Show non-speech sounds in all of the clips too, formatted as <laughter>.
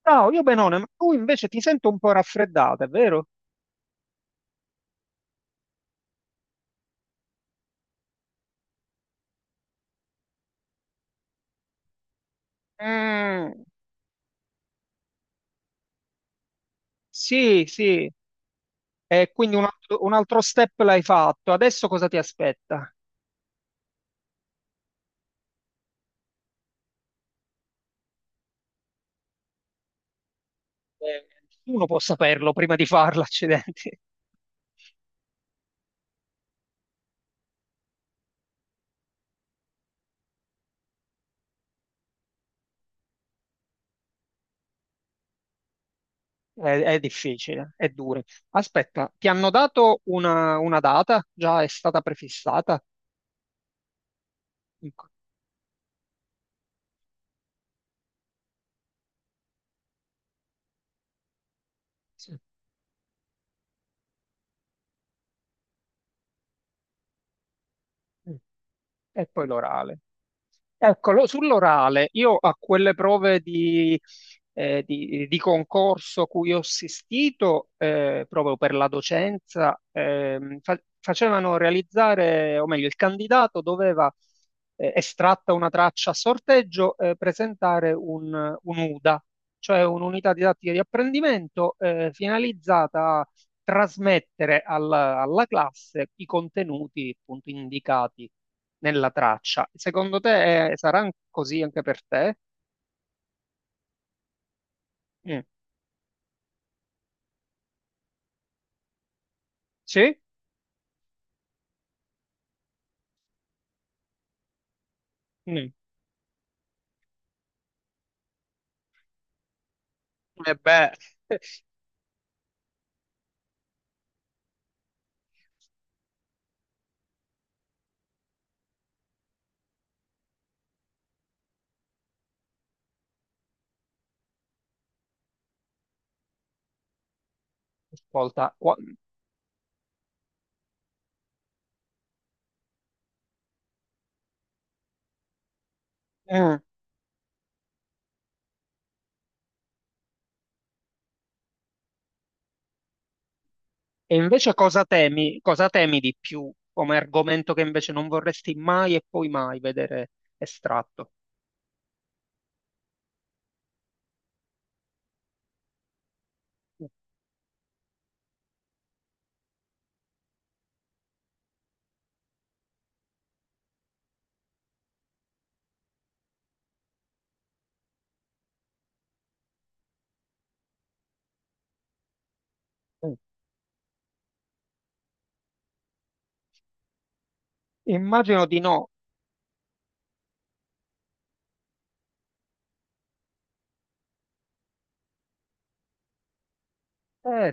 Ciao, io Benone, ma tu invece ti sento un po' raffreddata, è vero? Mm, sì, sì, e quindi un altro step l'hai fatto. Adesso cosa ti aspetta? Nessuno può saperlo prima di farlo, accidenti. È difficile, è duro. Aspetta, ti hanno dato una data? Già è stata prefissata? Sì. E poi l'orale. Eccolo, sull'orale, io a quelle prove di concorso cui ho assistito, proprio per la docenza, facevano realizzare, o meglio, il candidato doveva, estratta una traccia a sorteggio, presentare un UDA, cioè un'unità didattica di apprendimento, finalizzata trasmettere alla, alla classe i contenuti appunto indicati nella traccia. Secondo te sarà così anche per te? Mm. Sì? Mm. E beh, ascolta, mm. E invece cosa temi di più come argomento che invece non vorresti mai e poi mai vedere estratto? Mm. Immagino di no. Eh,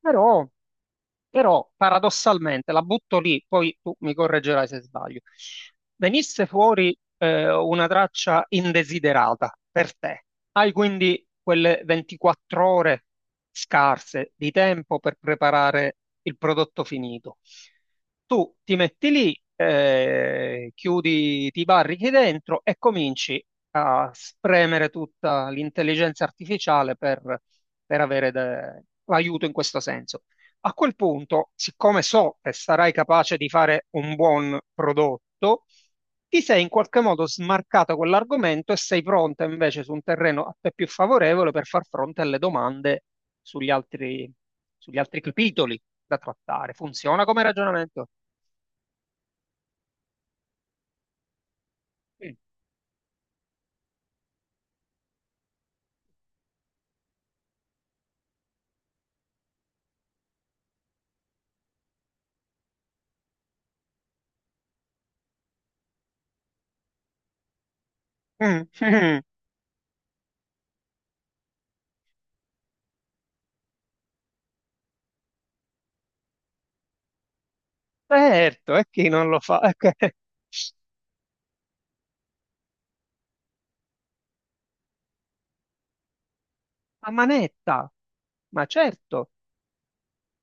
però però paradossalmente, la butto lì, poi tu mi correggerai se sbaglio. Venisse fuori una traccia indesiderata per te. Hai quindi quelle 24 ore scarse di tempo per preparare il prodotto finito. Tu ti metti lì, chiudi, ti barrichi dentro e cominci a spremere tutta l'intelligenza artificiale per avere aiuto in questo senso. A quel punto, siccome so che sarai capace di fare un buon prodotto, ti sei in qualche modo smarcato quell'argomento e sei pronta invece su un terreno a te più favorevole per far fronte alle domande sugli altri, sugli altri capitoli da trattare. Funziona come ragionamento? Mm. Mm, mm. Certo, e chi non lo fa? <laughs> A manetta, ma certo.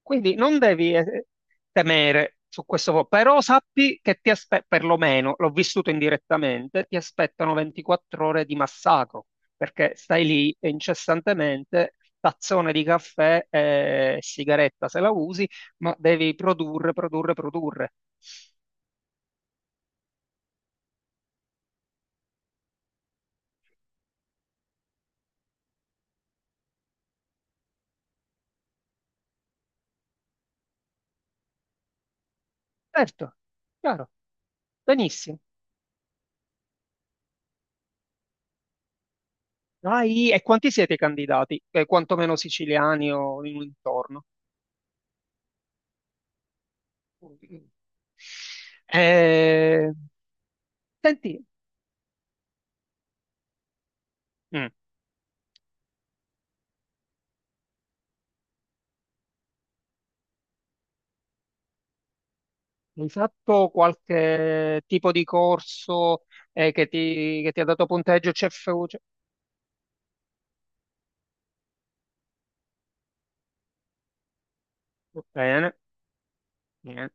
Quindi non devi temere su questo, però sappi che ti aspettano, perlomeno l'ho vissuto indirettamente, ti aspettano 24 ore di massacro, perché stai lì e incessantemente, tazzone di caffè e sigaretta se la usi, ma devi produrre, produrre, produrre. Certo, chiaro, benissimo. Vai, e quanti siete i candidati? Quantomeno siciliani o in un intorno? Eh, senti, mm. Hai fatto qualche tipo di corso che ti ha dato punteggio CFU? Cioè, bene, bene.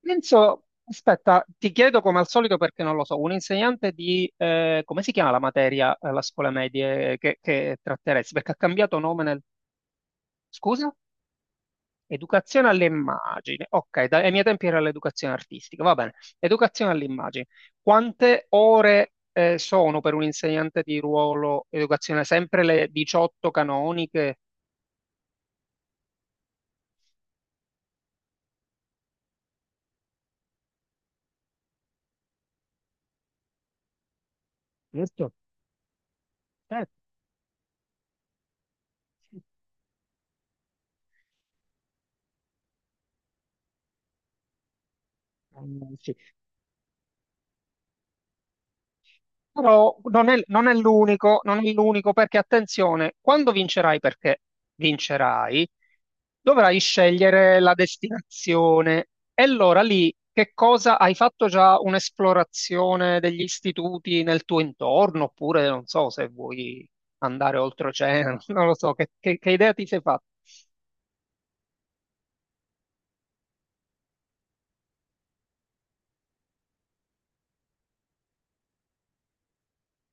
Penso, aspetta, ti chiedo come al solito perché non lo so, un insegnante di, come si chiama la materia alla scuola medie che tratteresti? Perché ha cambiato nome nel... Scusa? Educazione all'immagine. Ok, dai, ai miei tempi era l'educazione artistica, va bene. Educazione all'immagine. Quante ore sono per un insegnante di ruolo educazione? Sempre le 18 canoniche? Però non è, non è l'unico, non è l'unico perché attenzione, quando vincerai, perché vincerai, dovrai scegliere la destinazione. E allora lì che cosa hai fatto già un'esplorazione degli istituti nel tuo intorno? Oppure non so se vuoi andare oltreoceano, <laughs> non lo so, che idea ti sei fatta?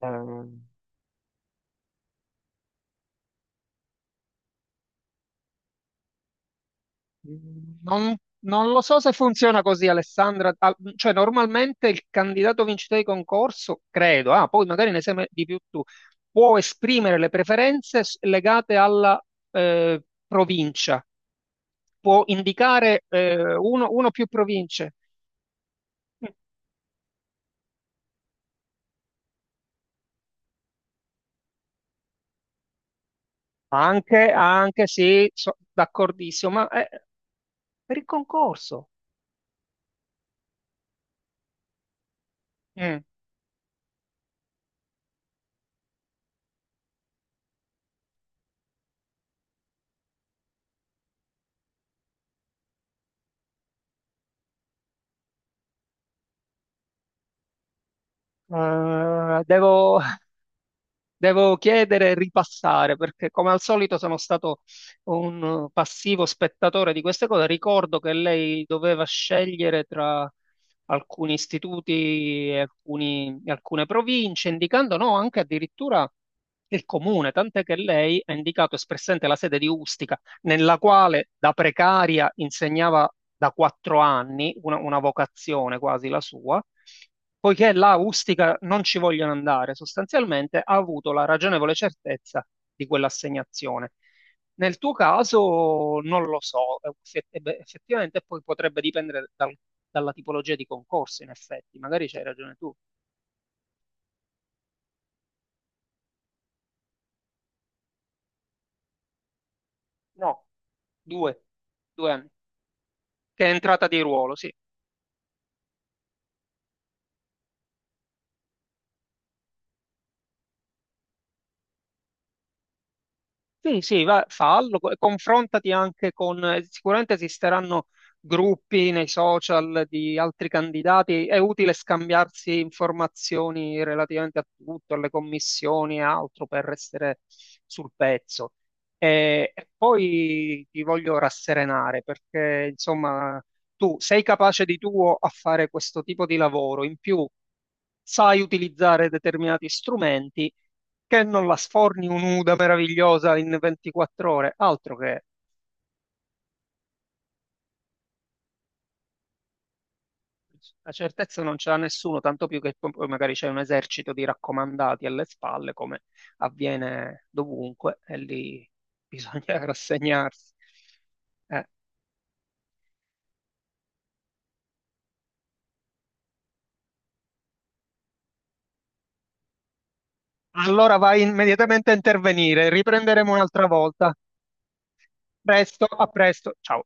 Eh, Mm, non lo so se funziona così, Alessandra. Cioè, normalmente il candidato vincitore di concorso, credo, ah, poi magari ne sai di più tu, può esprimere le preferenze legate alla provincia, può indicare uno, uno o più province. Anche, anche sì, d'accordissimo, ma per il concorso. Mm. Devo, <laughs> devo chiedere e ripassare perché, come al solito, sono stato un passivo spettatore di queste cose. Ricordo che lei doveva scegliere tra alcuni istituti e alcune province, indicando no, anche addirittura il comune, tant'è che lei ha indicato espressamente la sede di Ustica nella quale da precaria insegnava da 4 anni, una vocazione quasi la sua, poiché là a Ustica non ci vogliono andare, sostanzialmente ha avuto la ragionevole certezza di quell'assegnazione. Nel tuo caso non lo so, effettivamente poi potrebbe dipendere dalla tipologia di concorso, in effetti, magari c'hai ragione tu. No, due, due anni, che è entrata di ruolo, sì. Sì, sì, fallo, confrontati anche con, sicuramente esisteranno gruppi nei social di altri candidati, è utile scambiarsi informazioni relativamente a tutto, alle commissioni e altro per restare sul pezzo. E poi ti voglio rasserenare perché, insomma, tu sei capace di tuo a fare questo tipo di lavoro, in più sai utilizzare determinati strumenti che non la sforni un'uda meravigliosa in 24 ore, altro che la certezza non ce l'ha nessuno, tanto più che poi magari c'è un esercito di raccomandati alle spalle, come avviene dovunque, e lì bisogna <laughs> rassegnarsi. Eh, Allora vai immediatamente a intervenire, riprenderemo un'altra volta. Presto, a presto, ciao.